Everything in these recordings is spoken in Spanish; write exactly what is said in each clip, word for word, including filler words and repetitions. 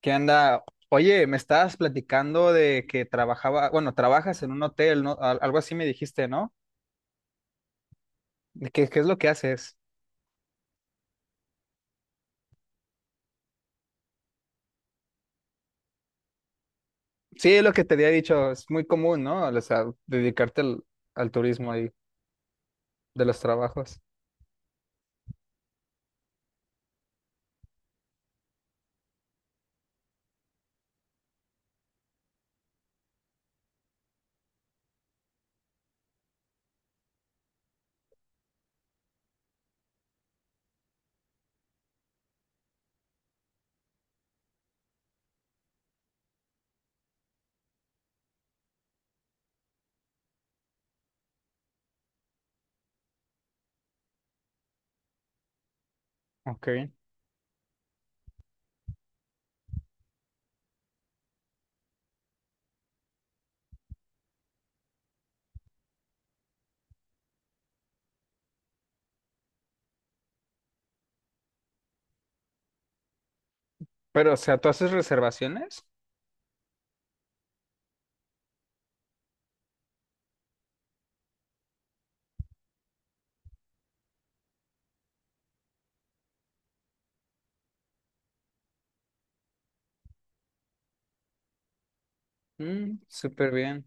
¿Qué anda? Oye, me estabas platicando de que trabajaba, bueno, trabajas en un hotel, ¿no? Al- Algo así me dijiste, ¿no? ¿De ¿Qué, qué es lo que haces? Sí, es lo que te había dicho, es muy común, ¿no? O sea, dedicarte al, al turismo ahí, de los trabajos. Ok. Pero, o sea, ¿tú haces reservaciones? Mm, súper bien.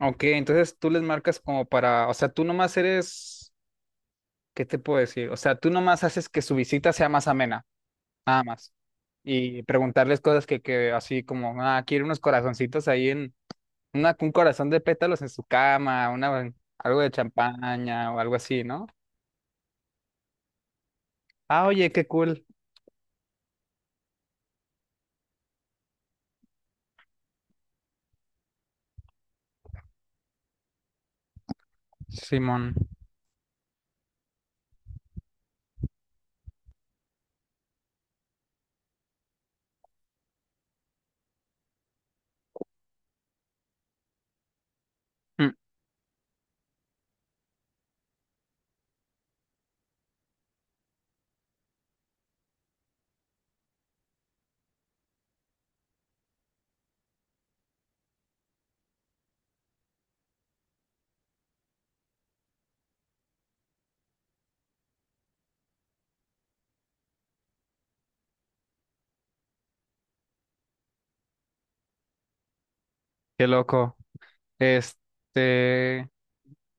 Ok, entonces tú les marcas como para, o sea, tú nomás eres, ¿qué te puedo decir? O sea, tú nomás haces que su visita sea más amena. Nada más. Y preguntarles cosas que, que así como, ah, quiero unos corazoncitos ahí en, una, un corazón de pétalos en su cama, una, algo de champaña o algo así, ¿no? Ah, oye, qué cool, Simón. Mm, Qué loco. Este,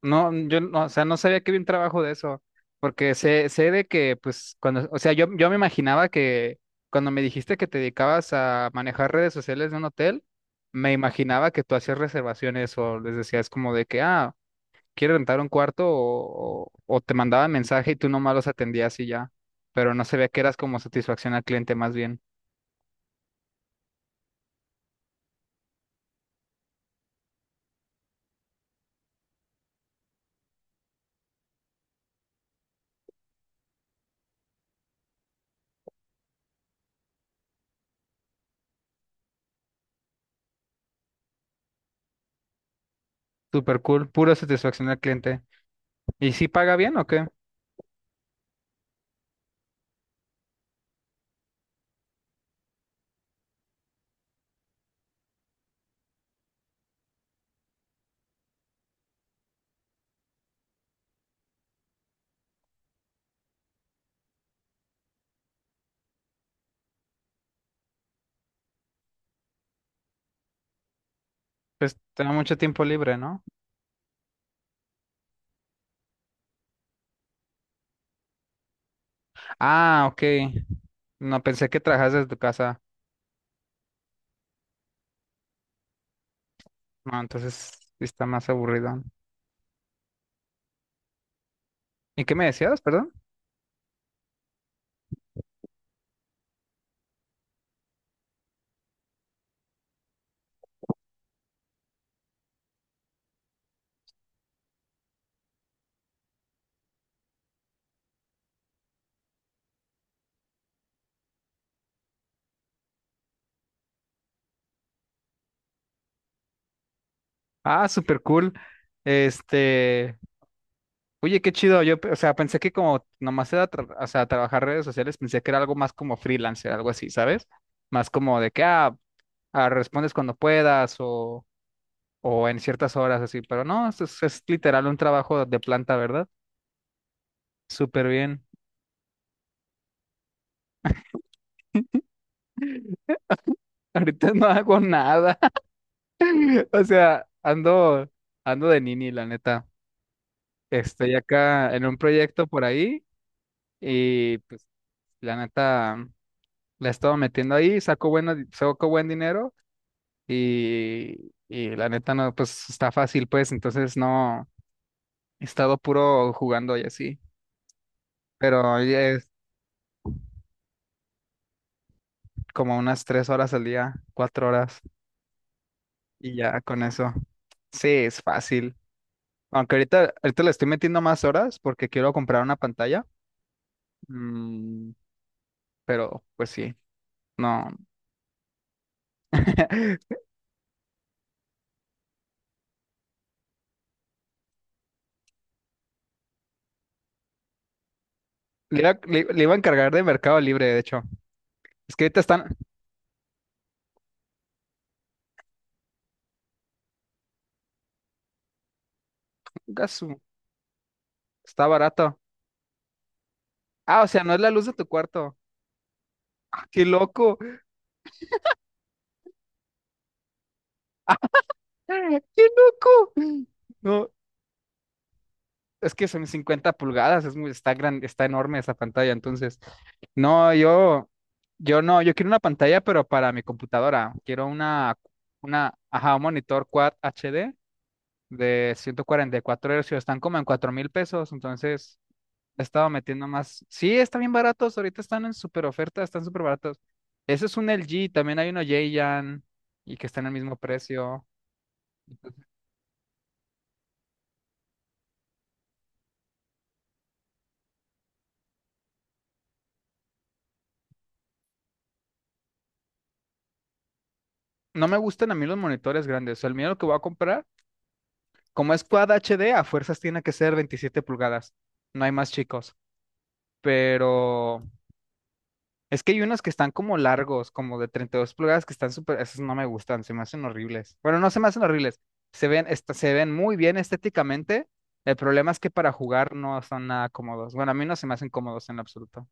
No, yo no, o sea, no sabía que había un trabajo de eso, porque sé, sé de que, pues, cuando, o sea, yo, yo me imaginaba que cuando me dijiste que te dedicabas a manejar redes sociales de un hotel, me imaginaba que tú hacías reservaciones o les decías como de que, ah, quiero rentar un cuarto o, o, o te mandaban mensaje y tú nomás los atendías y ya, pero no sabía que eras como satisfacción al cliente más bien. Super cool, pura satisfacción al cliente. ¿Y si paga bien o qué? Pues te da mucho tiempo libre, ¿no? Ah, ok. No pensé que trabajas desde tu casa. No, entonces sí está más aburrido. ¿Y qué me decías, perdón? Ah, súper cool. Este, Oye, qué chido. Yo, pe- o sea, pensé que como nomás era, tra- o sea, trabajar redes sociales, pensé que era algo más como freelancer, algo así, ¿sabes? Más como de que, ah, ah, respondes cuando puedas o, o en ciertas horas, así. Pero no, es, es es literal un trabajo de planta, ¿verdad? Súper bien. Ahorita no hago nada. O sea, ando, ando, de nini, la neta. Estoy acá en un proyecto por ahí y pues la neta la he estado metiendo ahí, saco bueno di- saco buen dinero y, y la neta no, pues está fácil pues, entonces no he estado puro jugando y así, pero ya es como unas tres horas al día, cuatro horas y ya con eso. Sí, es fácil. Aunque ahorita, ahorita le estoy metiendo más horas porque quiero comprar una pantalla, mm, pero pues sí, no. Le iba, le- le iba a encargar de Mercado Libre, de hecho. Es que ahorita están. Gasu, está barato. Ah, o sea, no es la luz de tu cuarto. ¡Ah, qué loco! ¡Ah, qué loco! No, es que son cincuenta pulgadas, es muy, está grande, está enorme esa pantalla, entonces. No, yo, yo no, yo quiero una pantalla, pero para mi computadora. Quiero una, una, ajá, un monitor Quad H D de ciento cuarenta y cuatro Hz. Están como en cuatro mil pesos, entonces le estaba metiendo más. Sí, están bien baratos, ahorita están en super oferta, están súper baratos. Ese es un L G, también hay uno Jayan y que está en el mismo precio. No me gustan a mí los monitores grandes, o sea, el mío que voy a comprar, como es Quad H D, a fuerzas tiene que ser veintisiete pulgadas, no hay más chicos, pero es que hay unos que están como largos, como de treinta y dos pulgadas, que están súper, esos no me gustan, se me hacen horribles. Bueno, no se me hacen horribles, se ven, est- se ven muy bien estéticamente. El problema es que para jugar no son nada cómodos. Bueno, a mí no se me hacen cómodos en lo absoluto.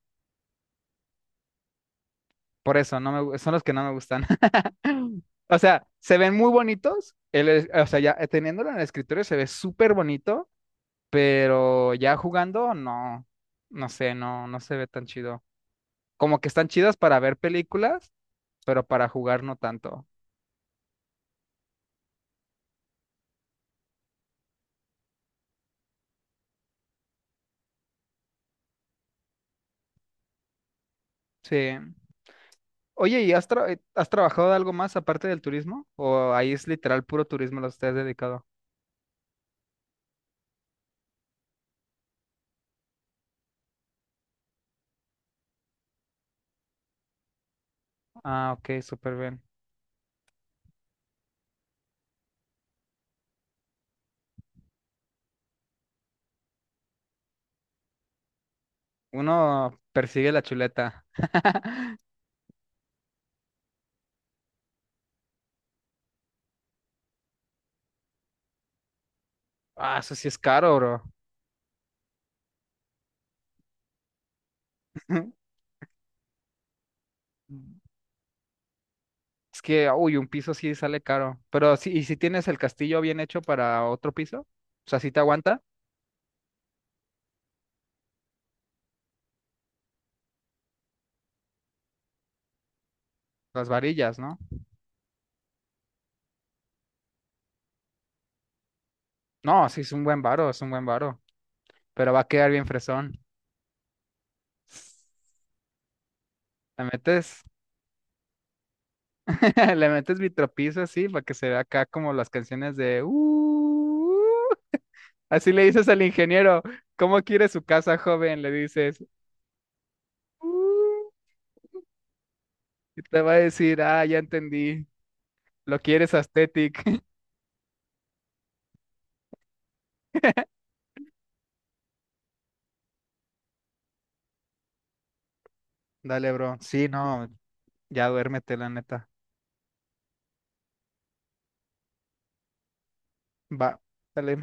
Por eso, no me, gu- son los que no me gustan. O sea, se ven muy bonitos, el es- o sea, ya eh, teniéndolo en el escritorio se ve súper bonito, pero ya jugando, no, no sé, no, no se ve tan chido. Como que están chidos para ver películas, pero para jugar no tanto. Sí. Oye, ¿y has, tra- eh, has trabajado de algo más aparte del turismo? ¿O ahí es literal puro turismo lo que te has dedicado? Ah, ok, súper bien. Uno persigue la chuleta. Ah, eso sí es caro, bro. Es que, uy, un piso sí sale caro. Pero sí, ¿y si tienes el castillo bien hecho para otro piso? O sea, ¿sí te aguanta? Las varillas, ¿no? No, sí es un buen varo, es un buen varo. Pero va a quedar bien fresón. ¿Te metes? Le metes vitropiso así para que se vea acá como las canciones de "Uh". Así le dices al ingeniero, ¿cómo quiere su casa, joven? Le dices, "Uh", y te va a decir, ah, ya entendí, lo quieres aesthetic. Dale, bro. Sí, no, ya duérmete, la neta. Va, dale.